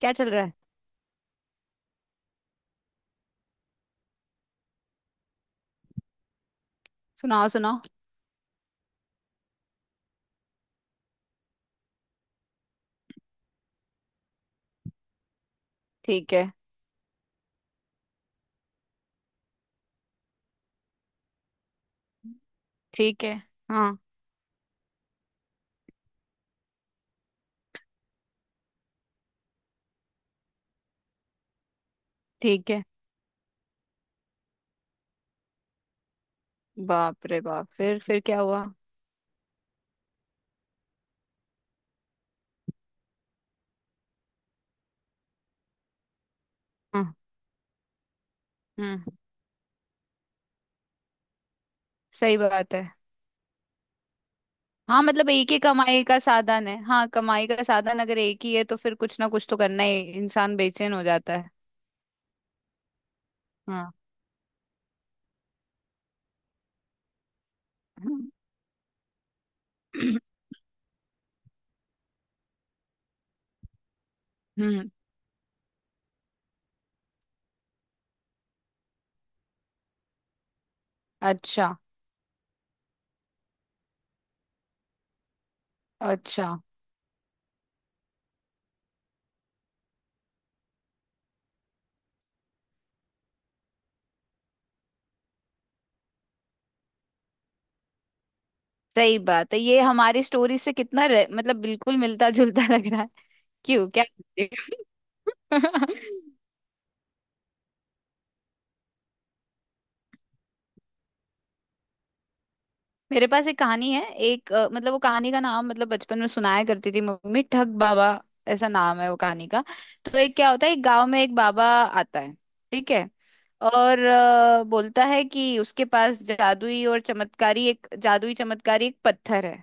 क्या चल रहा है। सुनाओ सुनाओ। ठीक है। ठीक है। हाँ। ठीक है। बाप रे बाप। फिर क्या हुआ। हम्म। हम्म। सही बात है। हाँ, मतलब एक ही कमाई का साधन है। हाँ, कमाई का साधन अगर एक ही है तो फिर कुछ ना कुछ तो करना ही, इंसान बेचैन हो जाता है। हाँ। हम्म। अच्छा। अच्छा। सही बात है, ये हमारी स्टोरी से कितना मतलब बिल्कुल मिलता जुलता लग रहा है। क्यों, क्या बोलते हो? मेरे पास एक कहानी है, एक मतलब वो कहानी का नाम, मतलब बचपन में सुनाया करती थी मम्मी, ठग बाबा। ऐसा नाम है वो कहानी का। तो एक क्या होता है, एक गांव में एक बाबा आता है। ठीक है। और बोलता है कि उसके पास जादुई और चमत्कारी, एक जादुई चमत्कारी एक पत्थर है।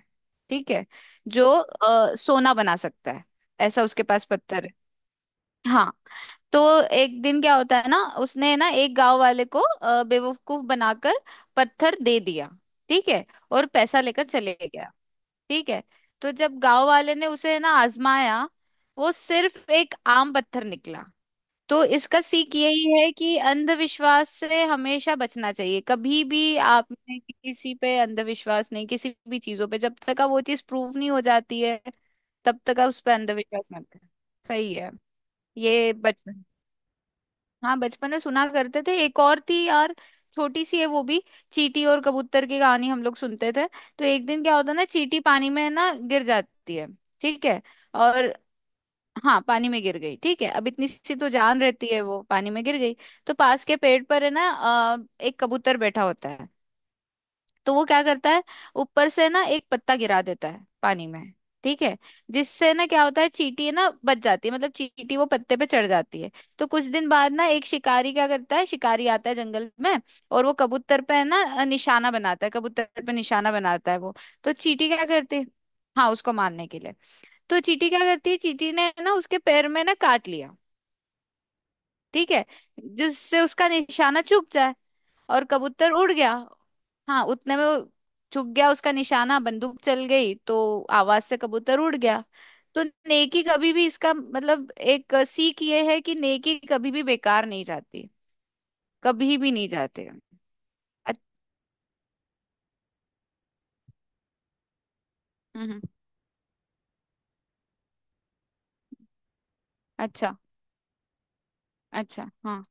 ठीक है। जो सोना बना सकता है। ऐसा उसके पास पत्थर है। हाँ। तो एक दिन क्या होता है ना, उसने ना एक गांव वाले को बेवकूफ बनाकर पत्थर दे दिया। ठीक है। और पैसा लेकर चले गया। ठीक है। तो जब गांव वाले ने उसे ना आजमाया, वो सिर्फ एक आम पत्थर निकला। तो इसका सीख यही है कि अंधविश्वास से हमेशा बचना चाहिए। कभी भी आपने किसी पे अंधविश्वास नहीं, किसी भी चीजों पे जब तक आप वो चीज प्रूव नहीं हो जाती है तब तक आप उस पर अंधविश्वास मत करें। सही है। ये बचपन, हाँ बचपन में सुना करते थे। एक और थी यार, छोटी सी है वो भी। चींटी और कबूतर की कहानी हम लोग सुनते थे। तो एक दिन क्या होता है ना, चींटी पानी में है ना गिर जाती है। ठीक है। और हाँ, पानी में गिर गई। ठीक है। अब इतनी सी तो जान रहती है, वो पानी में गिर गई। तो पास के पेड़ पर है ना एक कबूतर बैठा होता है। तो वो क्या करता है, ऊपर से ना एक पत्ता गिरा देता है पानी में। ठीक है। जिससे ना क्या होता है, चींटी ना बच जाती है, मतलब चींटी वो पत्ते पे चढ़ जाती है। तो कुछ दिन बाद ना एक शिकारी क्या करता है, शिकारी आता है जंगल में। और वो कबूतर पे है ना निशाना बनाता है, कबूतर पे निशाना बनाता है वो। तो चींटी क्या करती है। हाँ उसको मारने के लिए। तो चींटी क्या करती है, चींटी ने ना उसके पैर में ना काट लिया। ठीक है। जिससे उसका निशाना चूक जाए। और कबूतर उड़ गया। हाँ उतने में वो चुक गया उसका निशाना, बंदूक चल गई तो आवाज से कबूतर उड़ गया। तो नेकी कभी भी, इसका मतलब एक सीख ये है कि नेकी कभी भी बेकार नहीं जाती। कभी भी नहीं जाते। अच्छ- हम्म। हम्म। अच्छा। अच्छा। हाँ।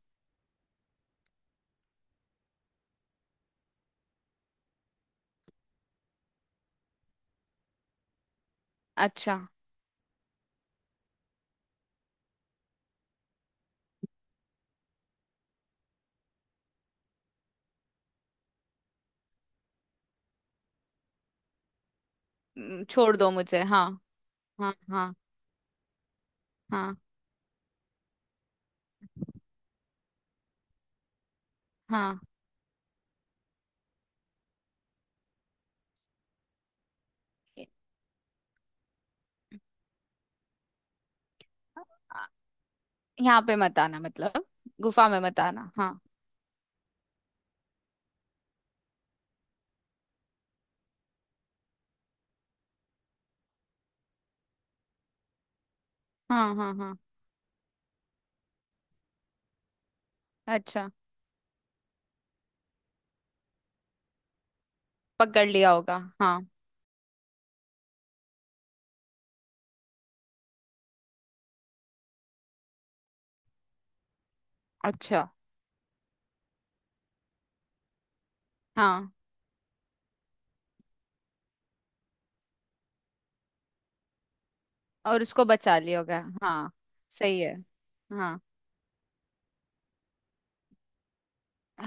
अच्छा। हम्म। छोड़ दो मुझे। हाँ। हाँ। हाँ। हाँ। हाँ। यहाँ पे मत आना, मतलब गुफा में मत आना। हाँ। हाँ। हाँ। हाँ। अच्छा। पकड़ लिया होगा। हाँ। अच्छा। हाँ। और उसको बचा लिया होगा। हाँ। सही है। हाँ।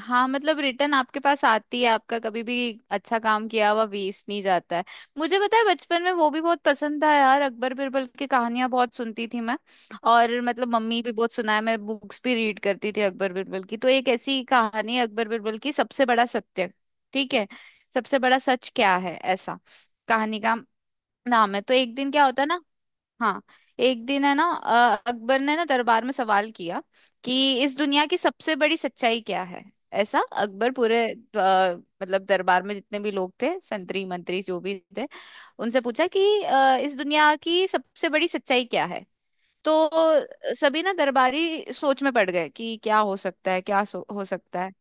हाँ, मतलब रिटर्न आपके पास आती है आपका कभी भी। अच्छा काम किया हुआ वेस्ट नहीं जाता है। मुझे पता है बचपन में वो भी बहुत पसंद था यार, अकबर बिरबल की कहानियां बहुत सुनती थी मैं। और मतलब मम्मी भी बहुत सुनाए, मैं बुक्स भी रीड करती थी अकबर बिरबल की। तो एक ऐसी कहानी है अकबर बिरबल की, सबसे बड़ा सत्य। ठीक है। सबसे बड़ा सच क्या है, ऐसा कहानी का नाम है। तो एक दिन क्या होता है ना, हाँ, एक दिन है ना अकबर ने ना दरबार में सवाल किया कि इस दुनिया की सबसे बड़ी सच्चाई क्या है। ऐसा अकबर पूरे, मतलब दरबार में जितने भी लोग थे, संतरी मंत्री जो भी थे, उनसे पूछा कि इस दुनिया की सबसे बड़ी सच्चाई क्या है। तो सभी ना दरबारी सोच में पड़ गए कि क्या हो सकता है, क्या हो सकता है।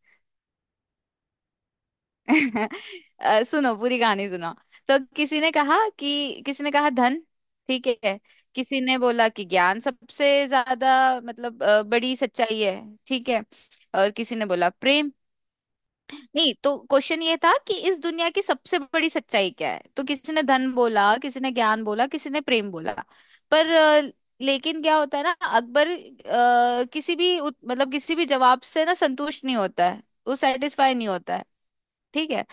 सुनो पूरी कहानी सुनो। तो किसी ने कहा कि, किसी ने कहा धन। ठीक है। किसी ने बोला कि ज्ञान सबसे ज्यादा, मतलब बड़ी सच्चाई है। ठीक है। और किसी ने बोला प्रेम। नहीं तो क्वेश्चन ये था कि इस दुनिया की सबसे बड़ी सच्चाई क्या है। तो किसी ने धन बोला, किसी ने ज्ञान बोला, किसी ने प्रेम बोला। पर अ, लेकिन क्या होता है ना, अकबर किसी भी मतलब किसी भी जवाब से ना संतुष्ट नहीं होता है। वो सेटिस्फाई नहीं होता है। ठीक है।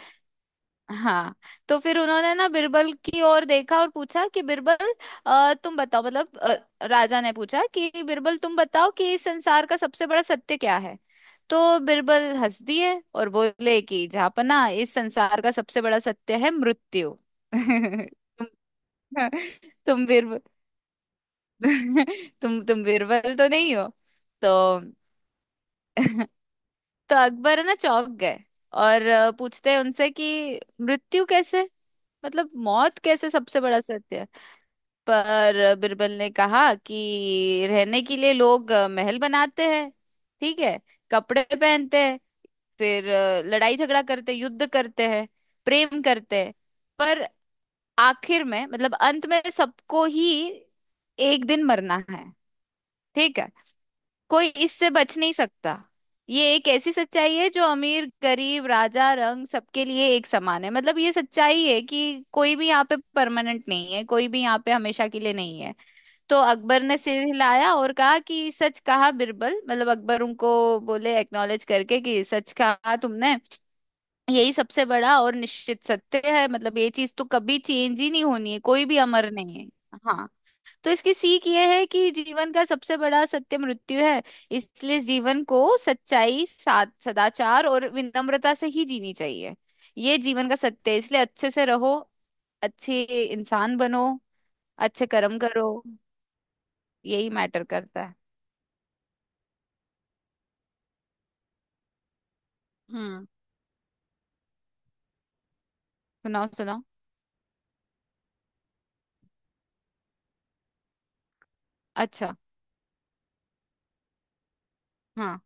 हाँ। तो फिर उन्होंने ना बिरबल की ओर देखा और पूछा कि बिरबल तुम बताओ, मतलब राजा ने पूछा कि बिरबल तुम बताओ कि इस संसार का सबसे बड़ा सत्य क्या है। तो बिरबल हंस दिए और बोले कि जापना इस संसार का सबसे बड़ा सत्य है, मृत्यु। तुम तुम बिरबल तुम बिरबल तो नहीं हो। तो तो अकबर है ना चौंक गए और पूछते हैं उनसे कि मृत्यु कैसे, मतलब मौत कैसे सबसे बड़ा सत्य है। पर बिरबल ने कहा कि रहने के लिए लोग महल बनाते हैं। ठीक है। कपड़े पहनते हैं। फिर लड़ाई झगड़ा करते हैं, युद्ध करते हैं। प्रेम करते हैं। पर आखिर में, मतलब अंत में सबको ही एक दिन मरना है। ठीक है। कोई इससे बच नहीं सकता। ये एक ऐसी सच्चाई है जो अमीर गरीब राजा रंग सबके लिए एक समान है। मतलब ये सच्चाई है कि कोई भी यहाँ पे परमानेंट नहीं है, कोई भी यहाँ पे हमेशा के लिए नहीं है। तो अकबर ने सिर हिलाया और कहा कि सच कहा बिरबल, मतलब अकबर उनको बोले, एक्नॉलेज करके कि सच कहा तुमने। यही सबसे बड़ा और निश्चित सत्य है, मतलब ये चीज तो कभी चेंज ही नहीं होनी है, कोई भी अमर नहीं है। हाँ। तो इसकी सीख यह है कि जीवन का सबसे बड़ा सत्य मृत्यु है। इसलिए जीवन को सच्चाई, सदाचार और विनम्रता से ही जीनी चाहिए। ये जीवन का सत्य है, इसलिए अच्छे से रहो। अच्छे इंसान बनो। अच्छे कर्म करो। यही मैटर करता है। हम्म। सुनाओ सुनाओ। अच्छा। हाँ।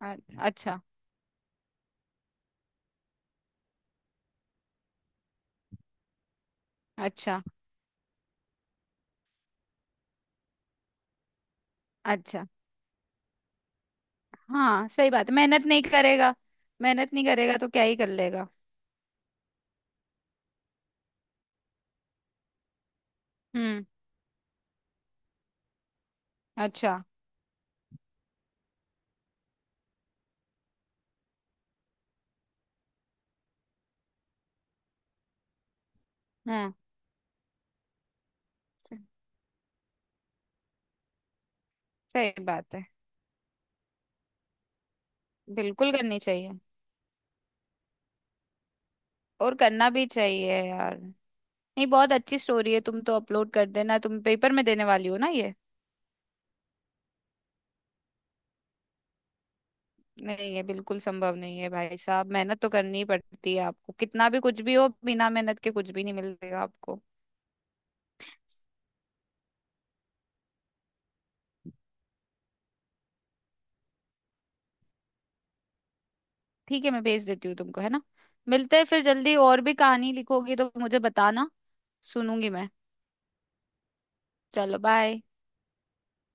अच्छा। अच्छा। अच्छा। हाँ। सही बात है, मेहनत नहीं करेगा। मेहनत नहीं करेगा तो क्या ही कर लेगा। हम्म। अच्छा। हम्म। स- सही बात है। बिल्कुल करनी चाहिए। और करना भी चाहिए यार। नहीं, बहुत अच्छी स्टोरी है। तुम तो अपलोड कर देना, तुम पेपर में देने वाली हो ना ये। नहीं ये बिल्कुल संभव नहीं है भाई साहब, मेहनत तो करनी ही पड़ती है आपको। कितना भी कुछ भी हो, बिना मेहनत के कुछ भी नहीं मिलेगा आपको। ठीक है, मैं भेज देती हूँ तुमको, है ना। मिलते हैं फिर जल्दी। और भी कहानी लिखोगी तो मुझे बताना। सुनूंगी मैं। चलो बाय।